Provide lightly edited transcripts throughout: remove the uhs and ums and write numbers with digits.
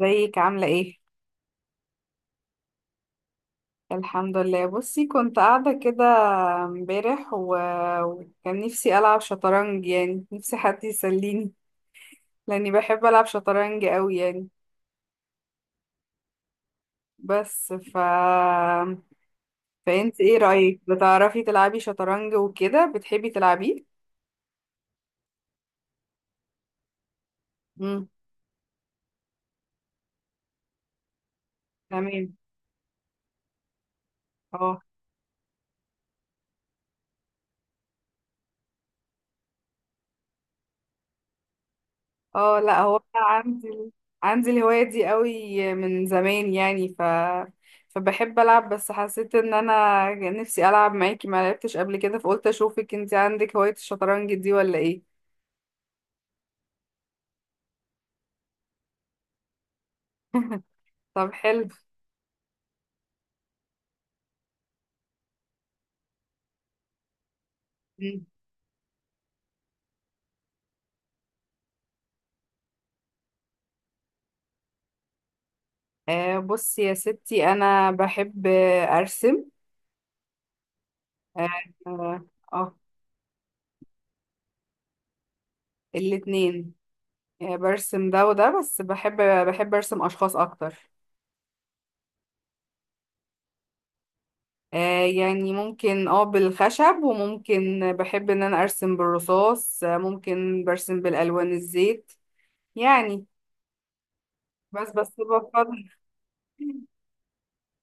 ازيك عاملة ايه؟ الحمد لله. بصي كنت قاعدة كده امبارح وكان نفسي ألعب شطرنج، يعني نفسي حد يسليني لأني بحب ألعب شطرنج أوي يعني. بس فانت ايه رأيك؟ بتعرفي تلعبي شطرنج وكده؟ بتحبي تلعبيه؟ امم. تمام. اه. اه. لا، هو أنا عندي الهواية دي قوي من زمان يعني. فبحب ألعب، بس حسيت إن أنا نفسي ألعب معاكي، ما لعبتش قبل كده، فقلت أشوفك انتي عندك هواية الشطرنج دي ولا إيه. طب حلو. مم. بصي يا ستي، أنا بحب أرسم. اه. آه. آه. الاتنين. برسم ده وده، بس بحب أرسم أشخاص أكتر. آه، يعني ممكن بالخشب، وممكن بحب ان انا ارسم بالرصاص. ممكن برسم بالالوان الزيت يعني. بس بفضل،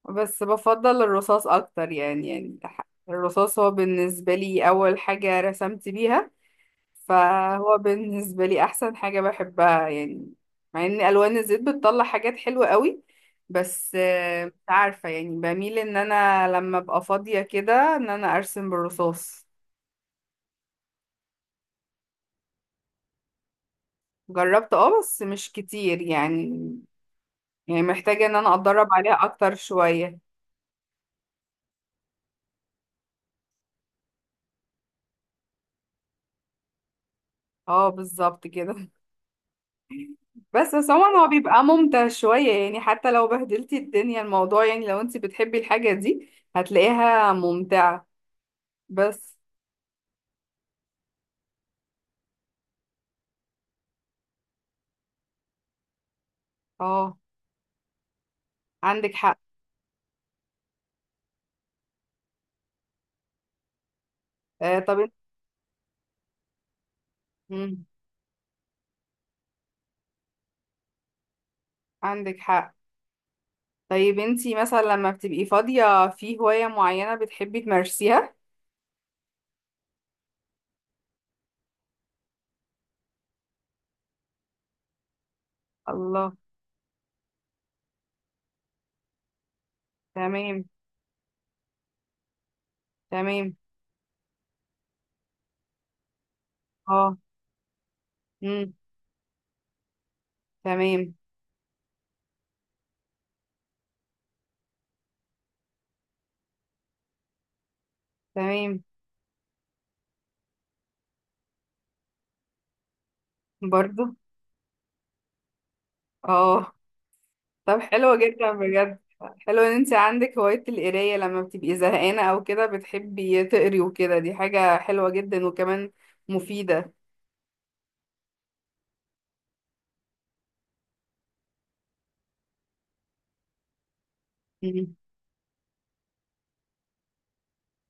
بس بفضل الرصاص اكتر يعني الرصاص هو بالنسبة لي اول حاجة رسمت بيها، فهو بالنسبة لي احسن حاجة بحبها يعني. مع ان الوان الزيت بتطلع حاجات حلوة قوي، بس مش عارفة يعني، بميل ان انا لما ابقى فاضية كده ان انا ارسم بالرصاص. جربت بس مش كتير يعني، يعني محتاجة ان انا اتدرب عليها اكتر شوية. اه، بالظبط كده. بس عموما هو بيبقى ممتع شوية يعني، حتى لو بهدلتي الدنيا الموضوع يعني، لو انت بتحبي الحاجة دي هتلاقيها ممتعة. بس اه، عندك حق. آه، طب انت. مم. عندك حق. طيب انتي مثلا لما بتبقي فاضية في هواية معينة بتحبي تمارسيها؟ الله. تمام. تمام. اه. امم. تمام. تمام. برضو. اه. طب حلو جدا بجد. حلو ان انت عندك هواية القراية، لما بتبقي زهقانة او كده بتحبي تقري وكده، دي حاجة حلوة جدا وكمان مفيدة. مم.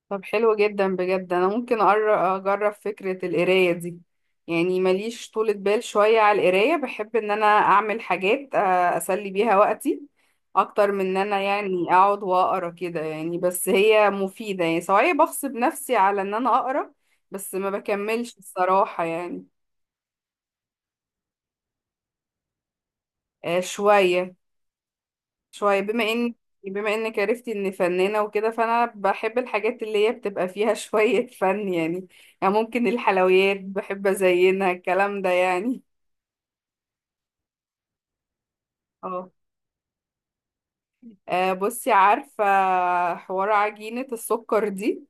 طب حلو جدا بجد. انا ممكن اجرب فكرة القراية دي، يعني ماليش طولة بال شوية على القراية، بحب ان انا اعمل حاجات اسلي بيها وقتي اكتر من ان انا يعني اقعد واقرا كده يعني، بس هي مفيدة يعني، سواء بغصب نفسي على ان انا اقرا، بس ما بكملش الصراحة يعني. شوية. شوية، بما انك عرفتي اني فنانة وكده، فانا بحب الحاجات اللي هي بتبقى فيها شوية فن يعني ممكن الحلويات بحب ازينها الكلام ده يعني. اه. بصي، عارفة حوار عجينة السكر دي،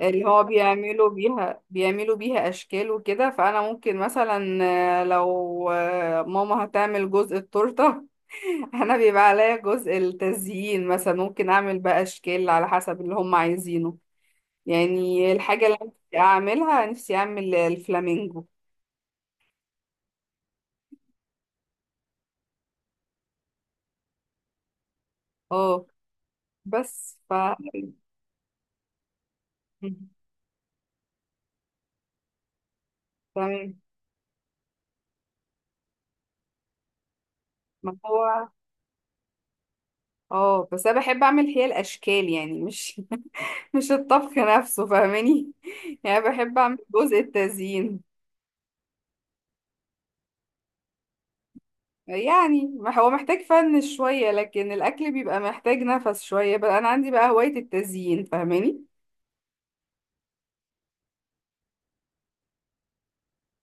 اللي هو بيعملوا بيها اشكال وكده، فانا ممكن مثلا لو ماما هتعمل جزء التورته انا بيبقى عليا جزء التزيين، مثلا ممكن اعمل بقى اشكال على حسب اللي هم عايزينه، يعني الحاجه اللي أنا نفسي اعملها، نفسي اعمل الفلامينجو. اه، بس مم. تمام. ما هو اه بس انا بحب اعمل هي الاشكال يعني، مش مش الطبخ نفسه فاهماني. يعني بحب اعمل جزء التزيين يعني، ما هو محتاج فن شوية، لكن الأكل بيبقى محتاج نفس شوية بقى. أنا عندي بقى هواية التزيين فاهماني.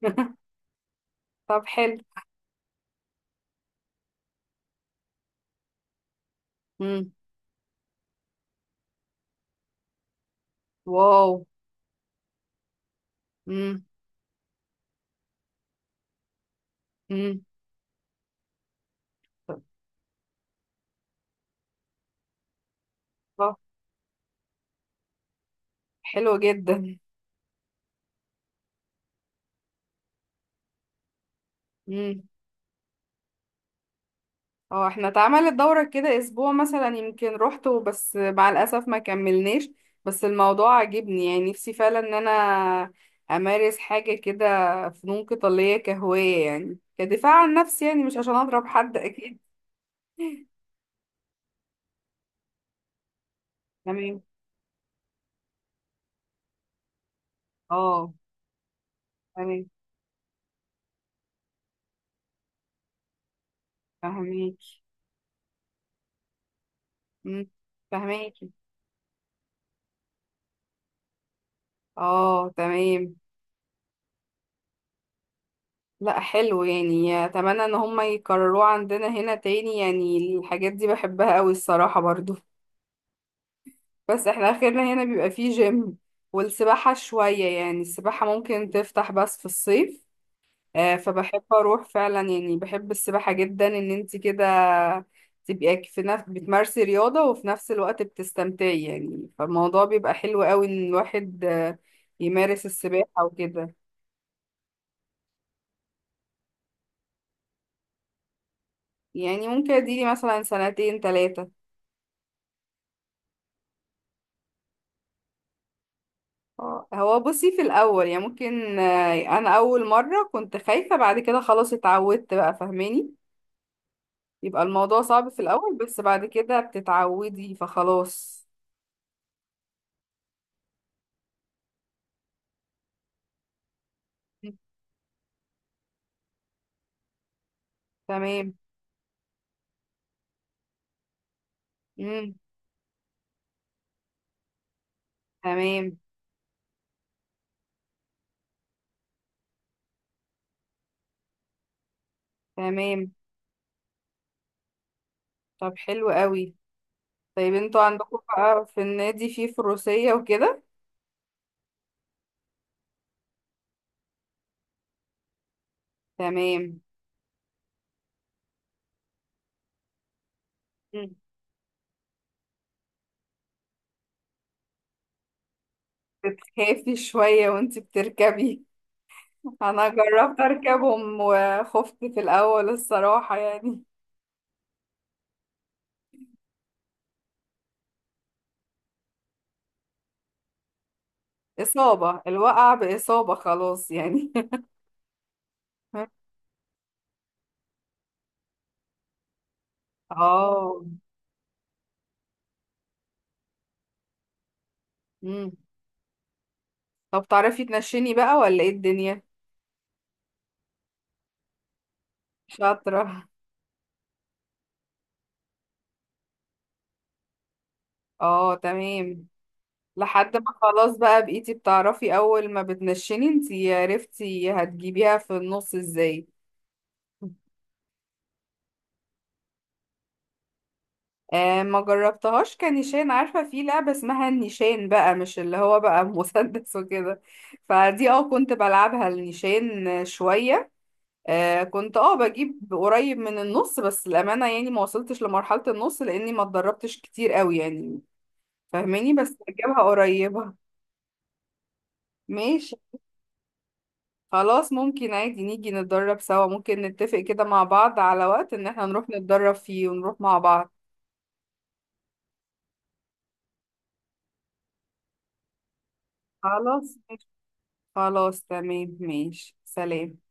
طب حلو. مم. واو. مم. مم. طب آه، حلو جدا. مم. اه، احنا اتعملت دورة كده أسبوع مثلا، يمكن روحته بس مع الأسف ما كملناش، بس الموضوع عجبني، يعني نفسي فعلا إن أنا أمارس حاجة كده، فنون قتالية كهواية يعني، كدفاع عن نفسي يعني، مش عشان أضرب حد أكيد. تمام. اه. تمام. فهميكي. مم. فهميكي. اه. تمام. لا، حلو يعني، اتمنى ان هم يكرروه عندنا هنا تاني، يعني الحاجات دي بحبها قوي الصراحة برضو، بس احنا اخرنا هنا بيبقى فيه جيم والسباحة شوية، يعني السباحة ممكن تفتح بس في الصيف. فبحب اروح فعلا، يعني بحب السباحة جدا، ان انت كده تبقي في نفس بتمارسي رياضة وفي نفس الوقت بتستمتعي يعني، فالموضوع بيبقى حلو قوي ان الواحد يمارس السباحة وكده. يعني ممكن اديلي مثلا سنتين ثلاثة. اه، هو بصي في الاول يعني ممكن انا اول مرة كنت خايفة، بعد كده خلاص اتعودت بقى فاهماني، يبقى الموضوع صعب في الاول بس بعد كده بتتعودي فخلاص. تمام. امم. تمام. تمام. طب حلو قوي. طيب انتوا عندكم بقى في النادي فيه فروسية وكده؟ تمام. مم. بتخافي شوية وانتي بتركبي. انا جربت اركبهم وخفت في الاول الصراحة يعني، اصابة الوقع باصابة خلاص يعني. اه. امم. طب تعرفي تنشني بقى ولا ايه الدنيا؟ شاطرة. اه. تمام. لحد ما خلاص بقى بقيتي بتعرفي، اول ما بتنشني انتي عرفتي هتجيبيها في النص ازاي. آه، ما جربتهاش كنيشان، عارفة في لعبة اسمها النيشان بقى، مش اللي هو بقى مسدس وكده، فدي كنت بلعبها النيشان شوية. كنت بجيب قريب من النص، بس الأمانة يعني ما وصلتش لمرحلة النص لأني ما اتدربتش كتير قوي يعني فاهماني، بس بجيبها قريبة. ماشي. خلاص ممكن عادي نيجي نتدرب سوا، ممكن نتفق كده مع بعض على وقت ان احنا نروح نتدرب فيه ونروح مع بعض. خلاص. خلاص تمام. ماشي. سلام.